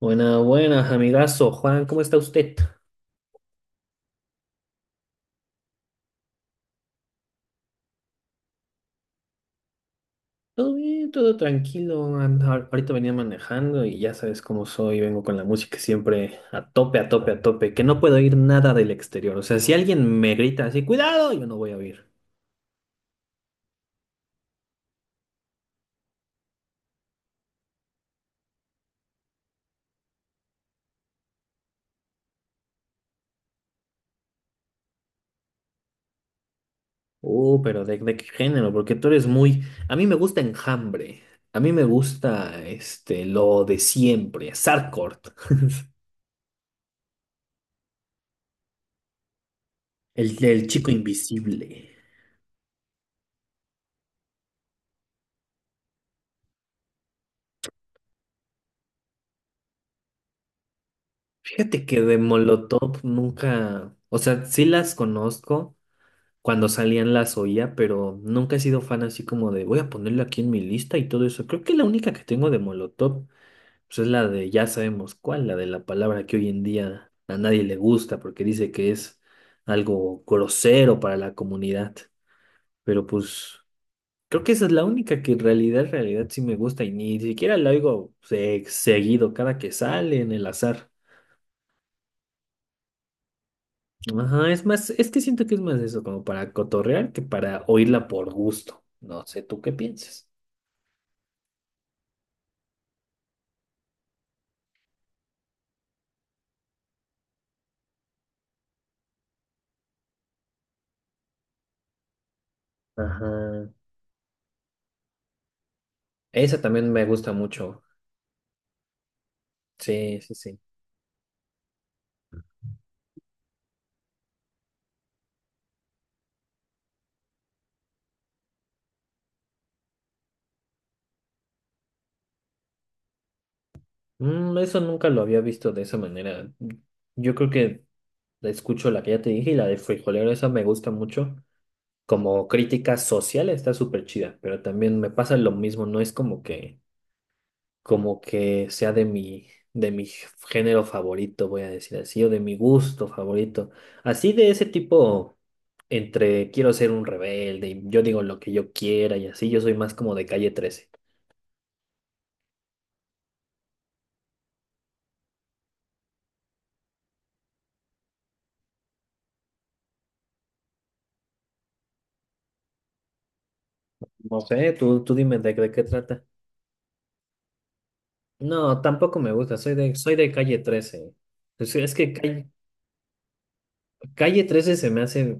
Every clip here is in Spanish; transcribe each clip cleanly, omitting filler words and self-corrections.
Buenas, buenas, amigazo. Juan, ¿cómo está usted? Todo bien, todo tranquilo. Ahorita venía manejando y ya sabes cómo soy. Vengo con la música siempre a tope, a tope, a tope. Que no puedo oír nada del exterior. O sea, si alguien me grita así, cuidado, yo no voy a oír. Pero ¿de qué género? Porque tú eres muy... A mí me gusta Enjambre. A mí me gusta este, lo de siempre. Sarkort. El chico invisible. Fíjate que de Molotov nunca... O sea, sí las conozco. Cuando salían las oía, pero nunca he sido fan así como de voy a ponerla aquí en mi lista y todo eso. Creo que la única que tengo de Molotov pues es la de ya sabemos cuál, la de la palabra que hoy en día a nadie le gusta porque dice que es algo grosero para la comunidad. Pero pues creo que esa es la única que en realidad sí me gusta y ni siquiera la oigo seguido cada que sale en el azar. Ajá, es más, es que siento que es más eso, como para cotorrear que para oírla por gusto. No sé, ¿tú qué piensas? Ajá. Esa también me gusta mucho. Sí, sí, sí. Mm, eso nunca lo había visto de esa manera. Yo creo que la escucho la que ya te dije y la de frijolero, esa me gusta mucho. Como crítica social está súper chida, pero también me pasa lo mismo, no es como que sea de mi género favorito, voy a decir así, o de mi gusto favorito. Así de ese tipo, entre quiero ser un rebelde, y yo digo lo que yo quiera y así, yo soy más como de calle trece. No sé, tú, tú dime de qué trata. No, tampoco me gusta, soy de calle trece. Pues es que calle, calle trece se me hace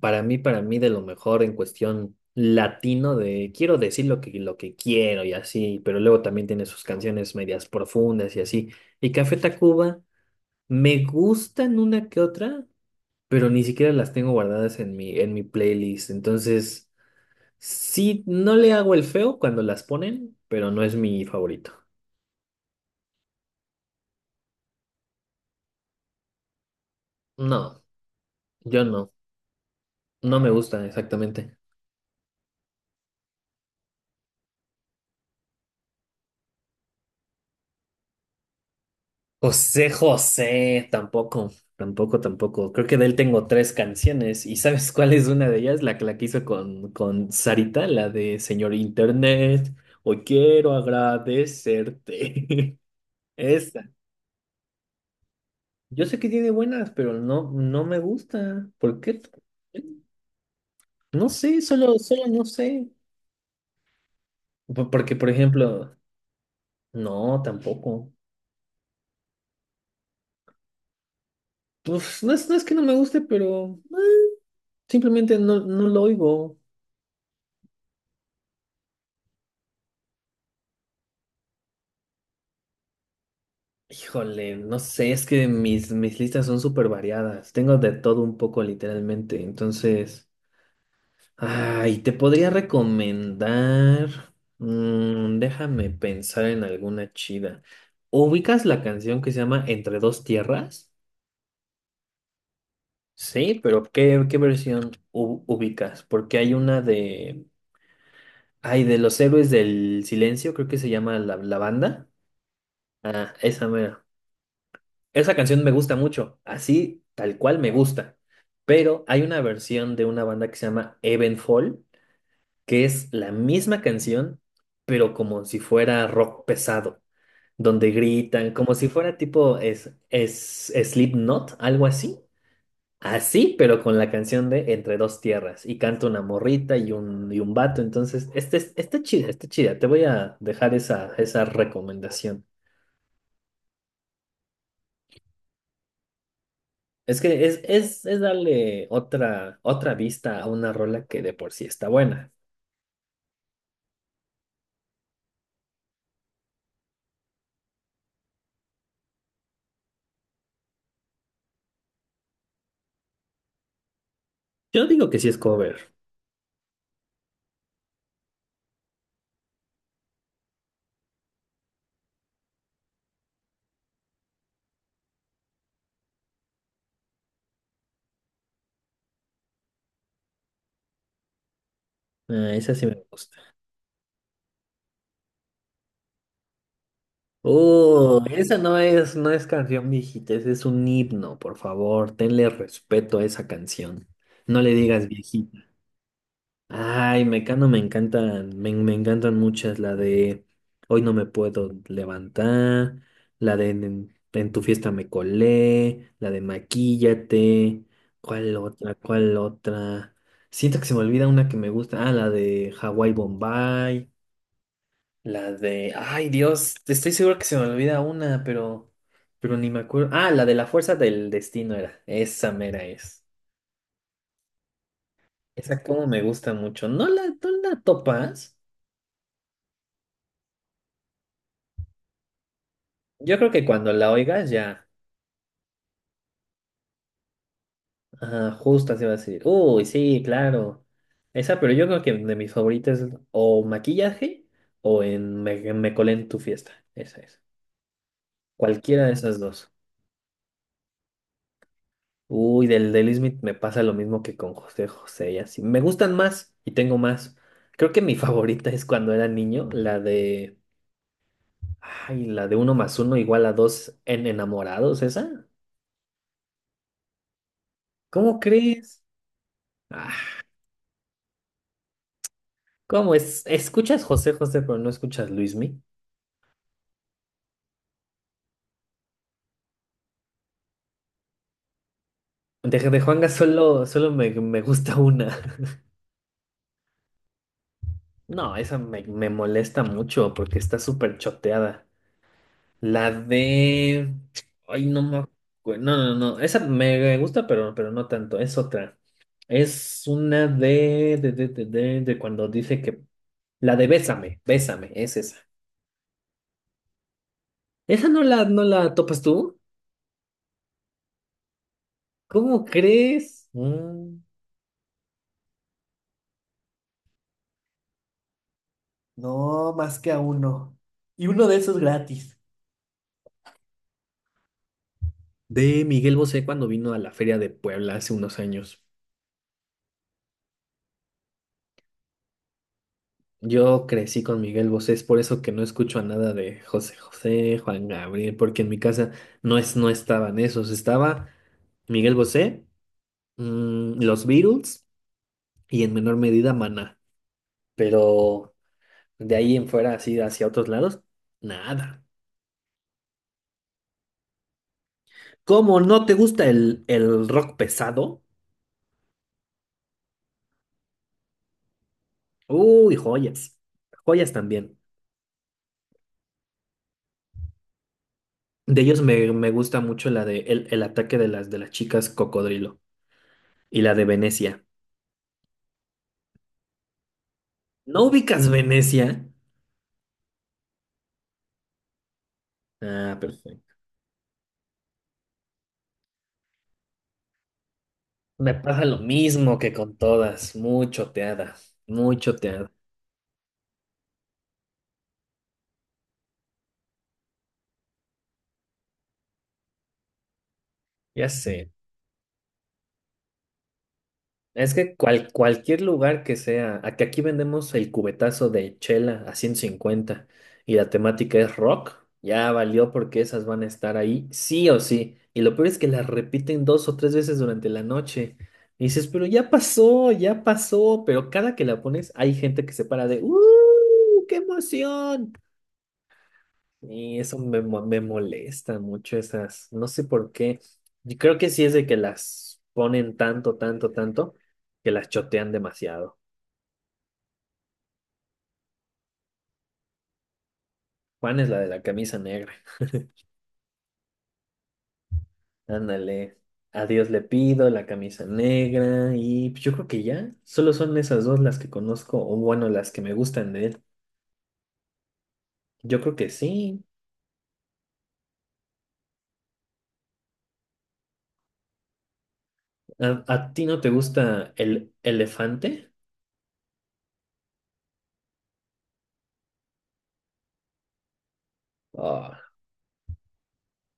para mí de lo mejor en cuestión latino de quiero decir lo que quiero y así, pero luego también tiene sus canciones medias profundas y así. Y Café Tacuba me gustan una que otra, pero ni siquiera las tengo guardadas en mi playlist. Entonces, sí, no le hago el feo cuando las ponen, pero no es mi favorito. No. Yo no, no me gustan exactamente. José José, tampoco, tampoco, tampoco. Creo que de él tengo tres canciones y ¿sabes cuál es una de ellas? La que hizo con Sarita, la de Señor Internet, hoy quiero agradecerte. Esa. Yo sé que tiene buenas, pero no, no me gusta. ¿Por qué? No sé, solo, solo no sé. Porque, por ejemplo, no, tampoco. Pues no es, no es que no me guste, pero... Simplemente no, no lo oigo. Híjole, no sé, es que mis, mis listas son súper variadas. Tengo de todo un poco, literalmente. Entonces, ay, te podría recomendar. Déjame pensar en alguna chida. ¿Ubicas la canción que se llama Entre dos tierras? Sí, pero ¿qué, qué versión ubicas? Porque hay una de. Ay, de Los Héroes del Silencio, creo que se llama la, la banda. Ah, esa mera. Esa canción me gusta mucho, así tal cual me gusta. Pero hay una versión de una banda que se llama Evenfall, que es la misma canción, pero como si fuera rock pesado, donde gritan, como si fuera tipo Slipknot, algo así. Así, pero con la canción de Entre dos tierras. Y canta una morrita y un vato. Entonces, este, está chida, está chida. Te voy a dejar esa, esa recomendación. Es que es darle otra, otra vista a una rola que de por sí está buena. Yo digo que sí es cover. Ah, esa sí me gusta. Oh, esa no es, no es canción viejita, ese es un himno, por favor. Tenle respeto a esa canción. No le digas viejita. Ay, Mecano me encantan, me encantan muchas, la de Hoy no me puedo levantar, la de en tu fiesta me colé, la de Maquíllate, ¿cuál otra? ¿Cuál otra? Siento que se me olvida una que me gusta, ah, la de Hawái Bombay, ay Dios, estoy seguro que se me olvida una, pero ni me acuerdo, ah, la de La Fuerza del Destino era, esa mera es, esa como me gusta mucho, ¿no la, no la topas? Yo creo que cuando la oigas ya, ajá, justo se va a decir, uy, sí, claro. Esa, pero yo creo que de mis favoritas es o maquillaje o en me, me colé en tu fiesta. Esa es. Cualquiera de esas dos. Uy, del de Will Smith me pasa lo mismo que con José José y así. Me gustan más y tengo más. Creo que mi favorita es cuando era niño, la de, ay, la de uno más uno igual a dos en enamorados, esa. ¿Cómo crees? Ah, ¿cómo es? Escuchas José José, pero no escuchas Luismi. De Juanga solo, solo me, me gusta una. No, esa me, me molesta mucho porque está súper choteada. La de... Ay, no me no, no, no. Esa me gusta, pero no tanto. Es otra. Es una de cuando dice que... La de Bésame, Bésame, es esa. ¿Esa no la, no la topas tú? ¿Cómo crees? Mm, no, más que a uno. Y uno de esos gratis. De Miguel Bosé cuando vino a la Feria de Puebla hace unos años. Yo crecí con Miguel Bosé, es por eso que no escucho a nada de José José, Juan Gabriel, porque en mi casa no es, no estaban esos, estaba Miguel Bosé, mm, los Beatles y en menor medida Maná, pero de ahí en fuera así hacia otros lados, nada. ¿Cómo no te gusta el rock pesado? Uy, joyas, joyas también. De ellos me, me gusta mucho la de el ataque de las chicas cocodrilo y la de Venecia. ¿No ubicas Venecia? Ah, perfecto. Me pasa lo mismo que con todas, muy choteada, muy choteada. Ya sé. Es que cualquier lugar que sea, a que aquí vendemos el cubetazo de chela a 150 y la temática es rock, ya valió porque esas van a estar ahí sí o sí. Y lo peor es que las repiten dos o tres veces durante la noche. Y dices, pero ya pasó, ya pasó. Pero cada que la pones hay gente que se para de, ¡uh! ¡Qué emoción! Y eso me, me molesta mucho esas, no sé por qué. Yo creo que sí es de que las ponen tanto, tanto, tanto, que las chotean demasiado. Juan es la de la camisa negra. Ándale, a Dios le pido la camisa negra y pues, yo creo que ya, solo son esas dos las que conozco, o bueno, las que me gustan de él. Yo creo que sí. A ti no te gusta el elefante? Ah,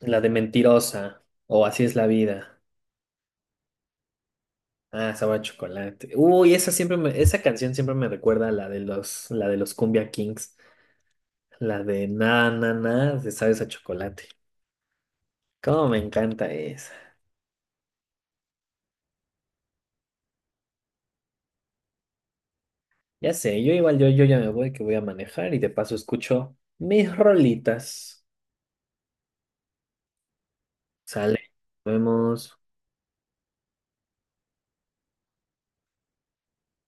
la de mentirosa, o así es la vida. Ah, sabor a chocolate. Uy, esa siempre me- esa canción siempre me recuerda a la de los Cumbia Kings, la de na na na, de sabes a chocolate. Cómo me encanta esa. Ya sé, yo igual yo, yo ya me voy que voy a manejar y de paso escucho mis rolitas. Sale. Nos vemos.